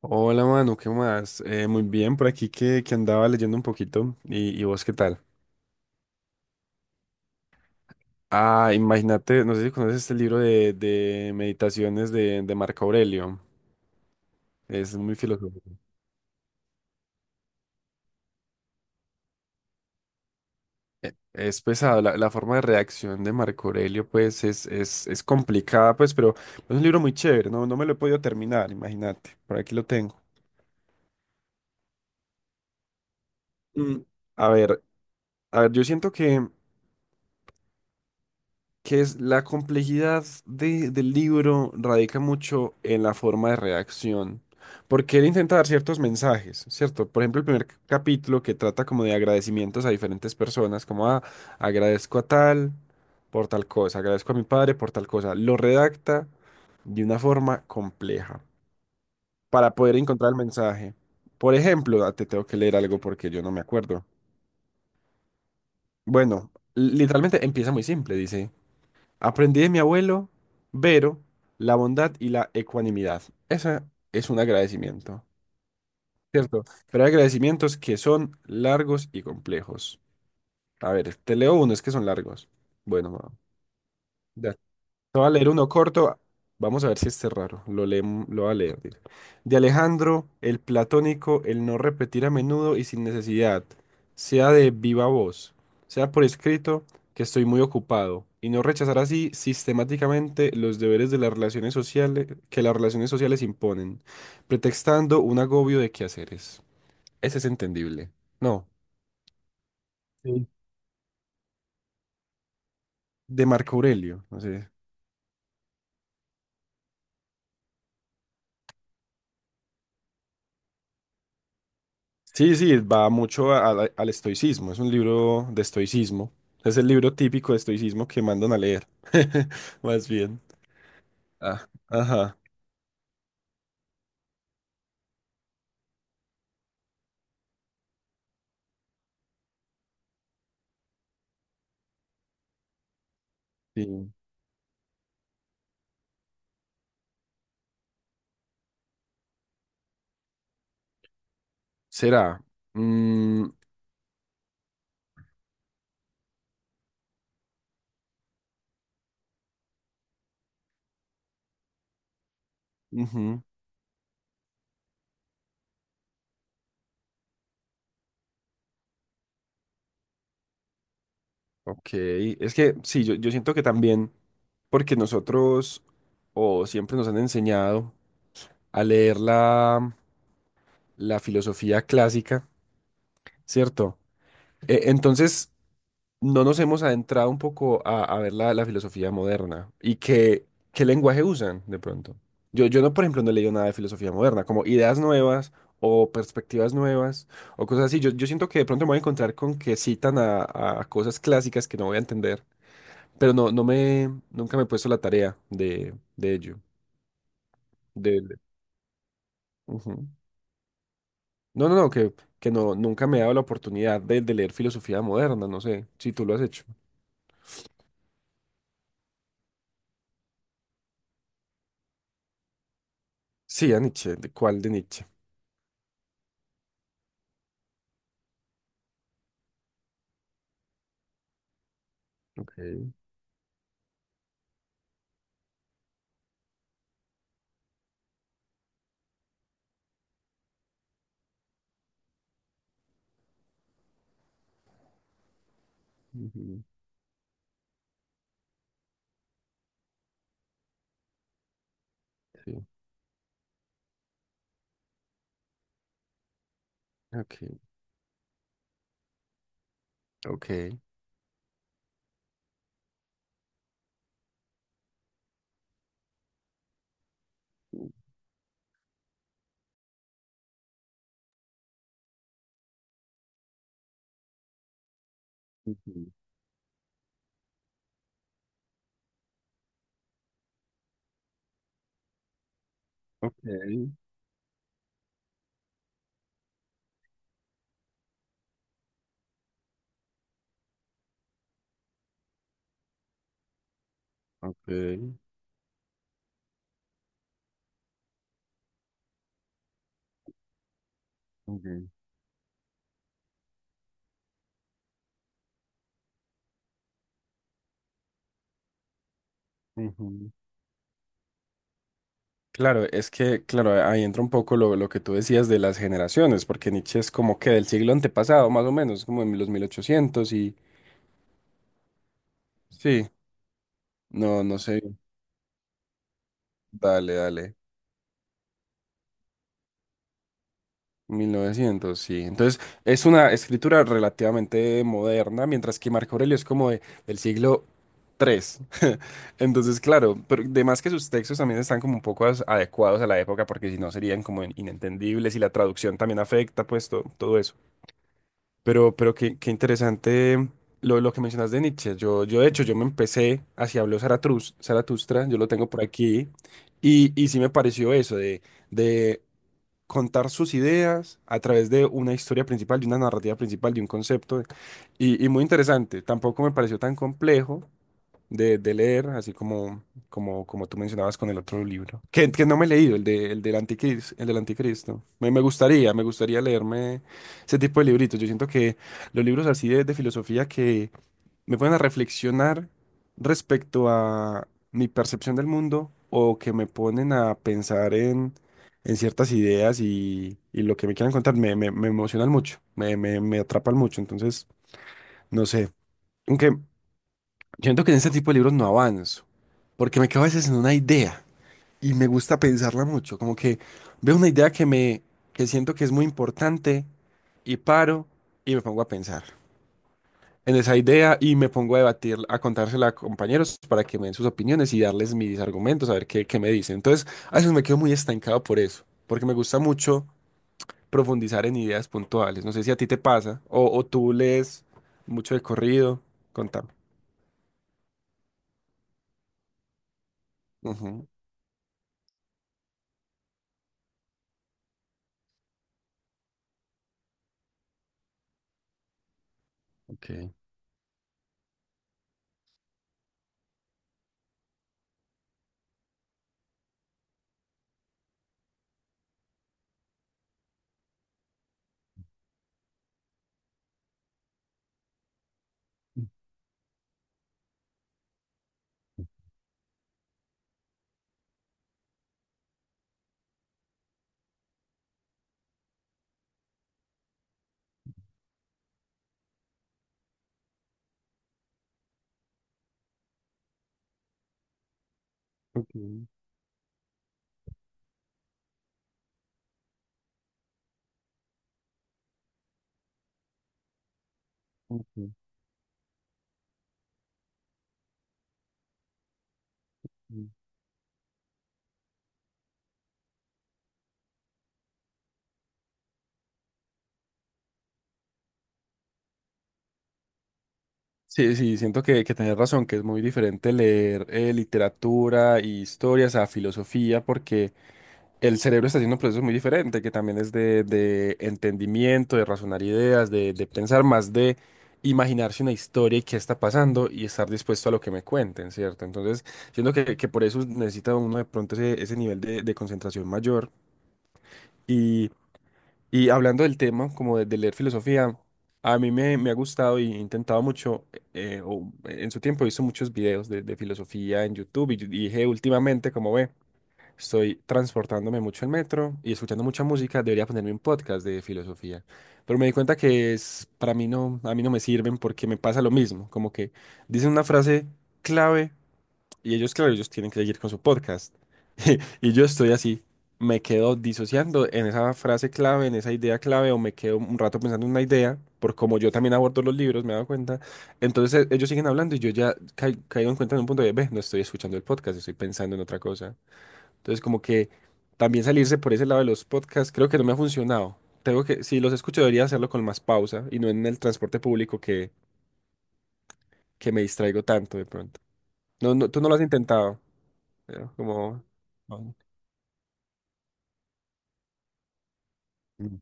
Hola, Manu, ¿qué más? Muy bien, por aquí que andaba leyendo un poquito. ¿Y vos qué tal? Ah, imagínate, no sé si conoces este libro de meditaciones de Marco Aurelio. Es muy filosófico. Es pesado, la forma de reacción de Marco Aurelio, pues, es complicada, pues, pero es un libro muy chévere, ¿no? No me lo he podido terminar, imagínate. Por aquí lo tengo. Mm, A ver, yo siento que es la complejidad del libro radica mucho en la forma de redacción, porque él intenta dar ciertos mensajes, ¿cierto? Por ejemplo, el primer capítulo que trata como de agradecimientos a diferentes personas, como, agradezco a tal por tal cosa, agradezco a mi padre por tal cosa, lo redacta de una forma compleja para poder encontrar el mensaje. Por ejemplo, te tengo que leer algo porque yo no me acuerdo. Bueno, literalmente empieza muy simple, dice: Aprendí de mi abuelo, Vero, la bondad y la ecuanimidad. Esa es un agradecimiento, ¿cierto? Pero hay agradecimientos que son largos y complejos. A ver, te leo unos que son largos. Bueno, va. Te voy a leer uno corto. Vamos a ver si este es raro. Lo voy a leer. Dice: De Alejandro, el platónico, el no repetir a menudo y sin necesidad, sea de viva voz, sea por escrito, que estoy muy ocupado, y no rechazar así sistemáticamente los deberes de las relaciones sociales que las relaciones sociales imponen, pretextando un agobio de quehaceres. Ese es entendible. No. Sí. De Marco Aurelio. No sé. Sí, sí, va mucho al estoicismo, es un libro de estoicismo, es el libro típico de estoicismo que mandan a leer, más bien. Ah, ajá, sí. Será. Mm, ujú. Ok, es que sí, yo siento que también, porque nosotros o siempre nos han enseñado a leer la filosofía clásica, ¿cierto? Entonces no nos hemos adentrado un poco a ver la filosofía moderna y qué lenguaje usan de pronto. Yo no, por ejemplo, no he leído nada de filosofía moderna, como ideas nuevas o perspectivas nuevas o cosas así. Yo siento que de pronto me voy a encontrar con que citan a cosas clásicas que no voy a entender, pero no, nunca me he puesto la tarea de ello. de- de- Ujú. No, no, no, que no, nunca me he dado la oportunidad de leer filosofía moderna, no sé si tú lo has hecho. Sí, a Nietzsche, ¿de cuál de Nietzsche? Ok. Ujú. Sí, ok, ok, ujú, ok, ok, ok, ujú. Claro, es que, claro, ahí entra un poco lo que tú decías de las generaciones, porque Nietzsche es como que del siglo antepasado, más o menos, como en los 1800 y... Sí, no, no sé. Dale, dale. 1900, sí. Entonces, es una escritura relativamente moderna, mientras que Marco Aurelio es como del siglo tres. Entonces, claro, pero además que sus textos también están como un poco adecuados a la época, porque si no serían como inentendibles y la traducción también afecta, pues todo eso. Pero qué interesante lo que mencionas de Nietzsche. Yo, de hecho, yo me empecé, así habló Zaratustra, yo lo tengo por aquí, y sí me pareció eso de de contar sus ideas a través de una historia principal, de una narrativa principal, de un concepto. Y muy interesante. Tampoco me pareció tan complejo de leer, así como tú mencionabas con el otro libro. Que no me he leído, el del Anticristo, me gustaría leerme ese tipo de libritos. Yo siento que los libros así de filosofía que me pueden a reflexionar respecto a mi percepción del mundo o que me ponen a pensar en ciertas ideas y lo que me quieran contar me emocionan mucho, me atrapan mucho. Entonces, no sé. Aunque siento que en este tipo de libros no avanzo, porque me quedo a veces en una idea y me gusta pensarla mucho. Como que veo una idea que que siento que es muy importante y paro y me pongo a pensar en esa idea y me pongo a debatir, a contársela a compañeros para que me den sus opiniones y darles mis argumentos, a ver qué me dicen. Entonces, a veces me quedo muy estancado por eso, porque me gusta mucho profundizar en ideas puntuales. No sé si a ti te pasa o tú lees mucho de corrido, contame. Ujú. Okay. Ok, ok, mm. Sí, sí, siento que tenés razón, que es muy diferente leer literatura y historias a filosofía, porque el cerebro está haciendo un proceso muy diferente, que también es de entendimiento, de razonar ideas, de pensar más, de imaginarse una historia y qué está pasando y estar dispuesto a lo que me cuenten, ¿cierto? Entonces, siento que por eso necesita uno de pronto ese nivel de concentración mayor. Y, y hablando del tema, como de leer filosofía, a mí me ha gustado y he intentado mucho, o en su tiempo he visto muchos videos de filosofía en YouTube y dije últimamente, como ve. Estoy transportándome mucho en metro y escuchando mucha música. Debería ponerme un podcast de filosofía. Pero me di cuenta que es, para mí no, a mí no me sirven porque me pasa lo mismo. Como que dicen una frase clave y ellos, claro, ellos tienen que seguir con su podcast. Y yo estoy así. Me quedo disociando en esa frase clave, en esa idea clave, o me quedo un rato pensando en una idea, por como yo también abordo los libros, me he dado cuenta. Entonces ellos siguen hablando y yo ya caigo en cuenta en un punto de, ve, no estoy escuchando el podcast, estoy pensando en otra cosa. Entonces, como que también salirse por ese lado de los podcasts, creo que no me ha funcionado. Tengo que, si los escucho, debería hacerlo con más pausa y no en el transporte público que me distraigo tanto de pronto. No, no, tú no lo has intentado. Como. No. Mm,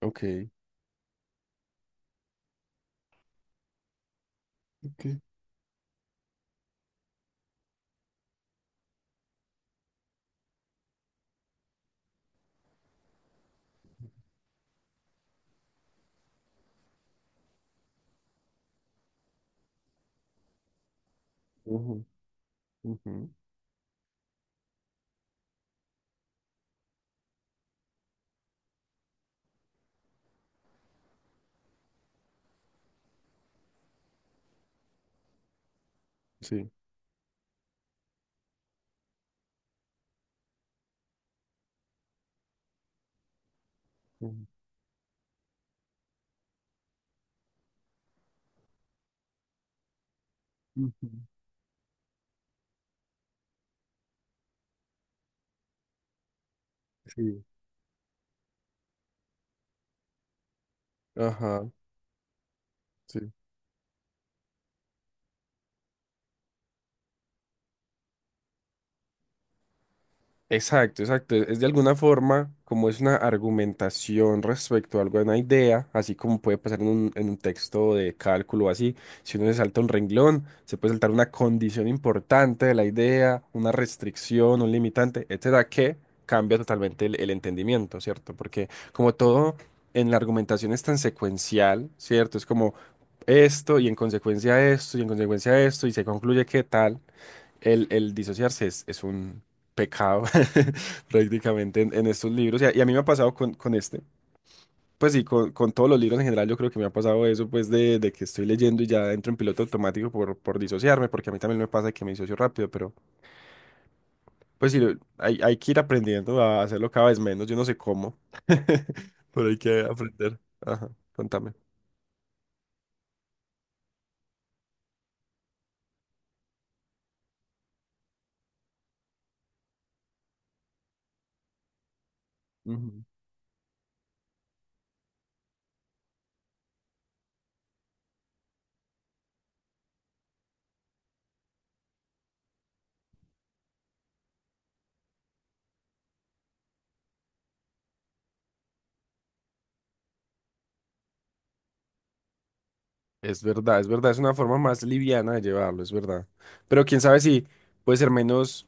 ok. Ok. Ujú, ujú, sí. Ujú, ujú, sí. Ajá. Exacto, exacto. Es de alguna forma como es una argumentación respecto a alguna idea, así como puede pasar en un texto de cálculo o así. Si uno se salta un renglón, se puede saltar una condición importante de la idea, una restricción, un limitante, etcétera, que cambia totalmente el entendimiento, ¿cierto? Porque como todo en la argumentación es tan secuencial, ¿cierto? Es como esto y en consecuencia esto y en consecuencia esto y se concluye que tal. El disociarse es un pecado prácticamente en estos libros. Y a mí me ha pasado con este. Pues sí, con todos los libros en general yo creo que me ha pasado eso, pues de que estoy leyendo y ya entro en piloto automático por disociarme, porque a mí también me pasa que me disocio rápido, pero pues sí, hay que ir aprendiendo a hacerlo cada vez menos. Yo no sé cómo, pero hay que aprender. Ajá, contame. Ujú. Es verdad, es verdad, es una forma más liviana de llevarlo, es verdad. Pero quién sabe si puede ser menos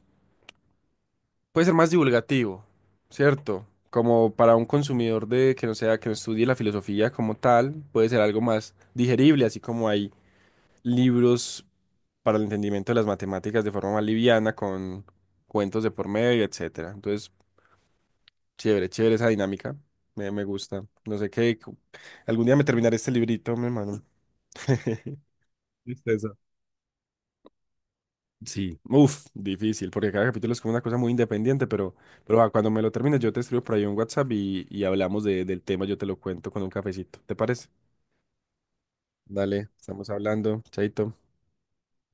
puede ser más divulgativo, ¿cierto? Como para un consumidor de que no sea, que no estudie la filosofía como tal, puede ser algo más digerible, así como hay libros para el entendimiento de las matemáticas de forma más liviana, con cuentos de por medio, etcétera. Entonces, chévere, chévere esa dinámica. Me gusta. No sé qué. Algún día me terminaré este librito, mi hermano. Listo, sí, uff, difícil, porque cada capítulo es como una cosa muy independiente, pero va, cuando me lo termines yo te escribo por ahí un WhatsApp y hablamos del tema, yo te lo cuento con un cafecito, ¿te parece? Dale, estamos hablando, chaito.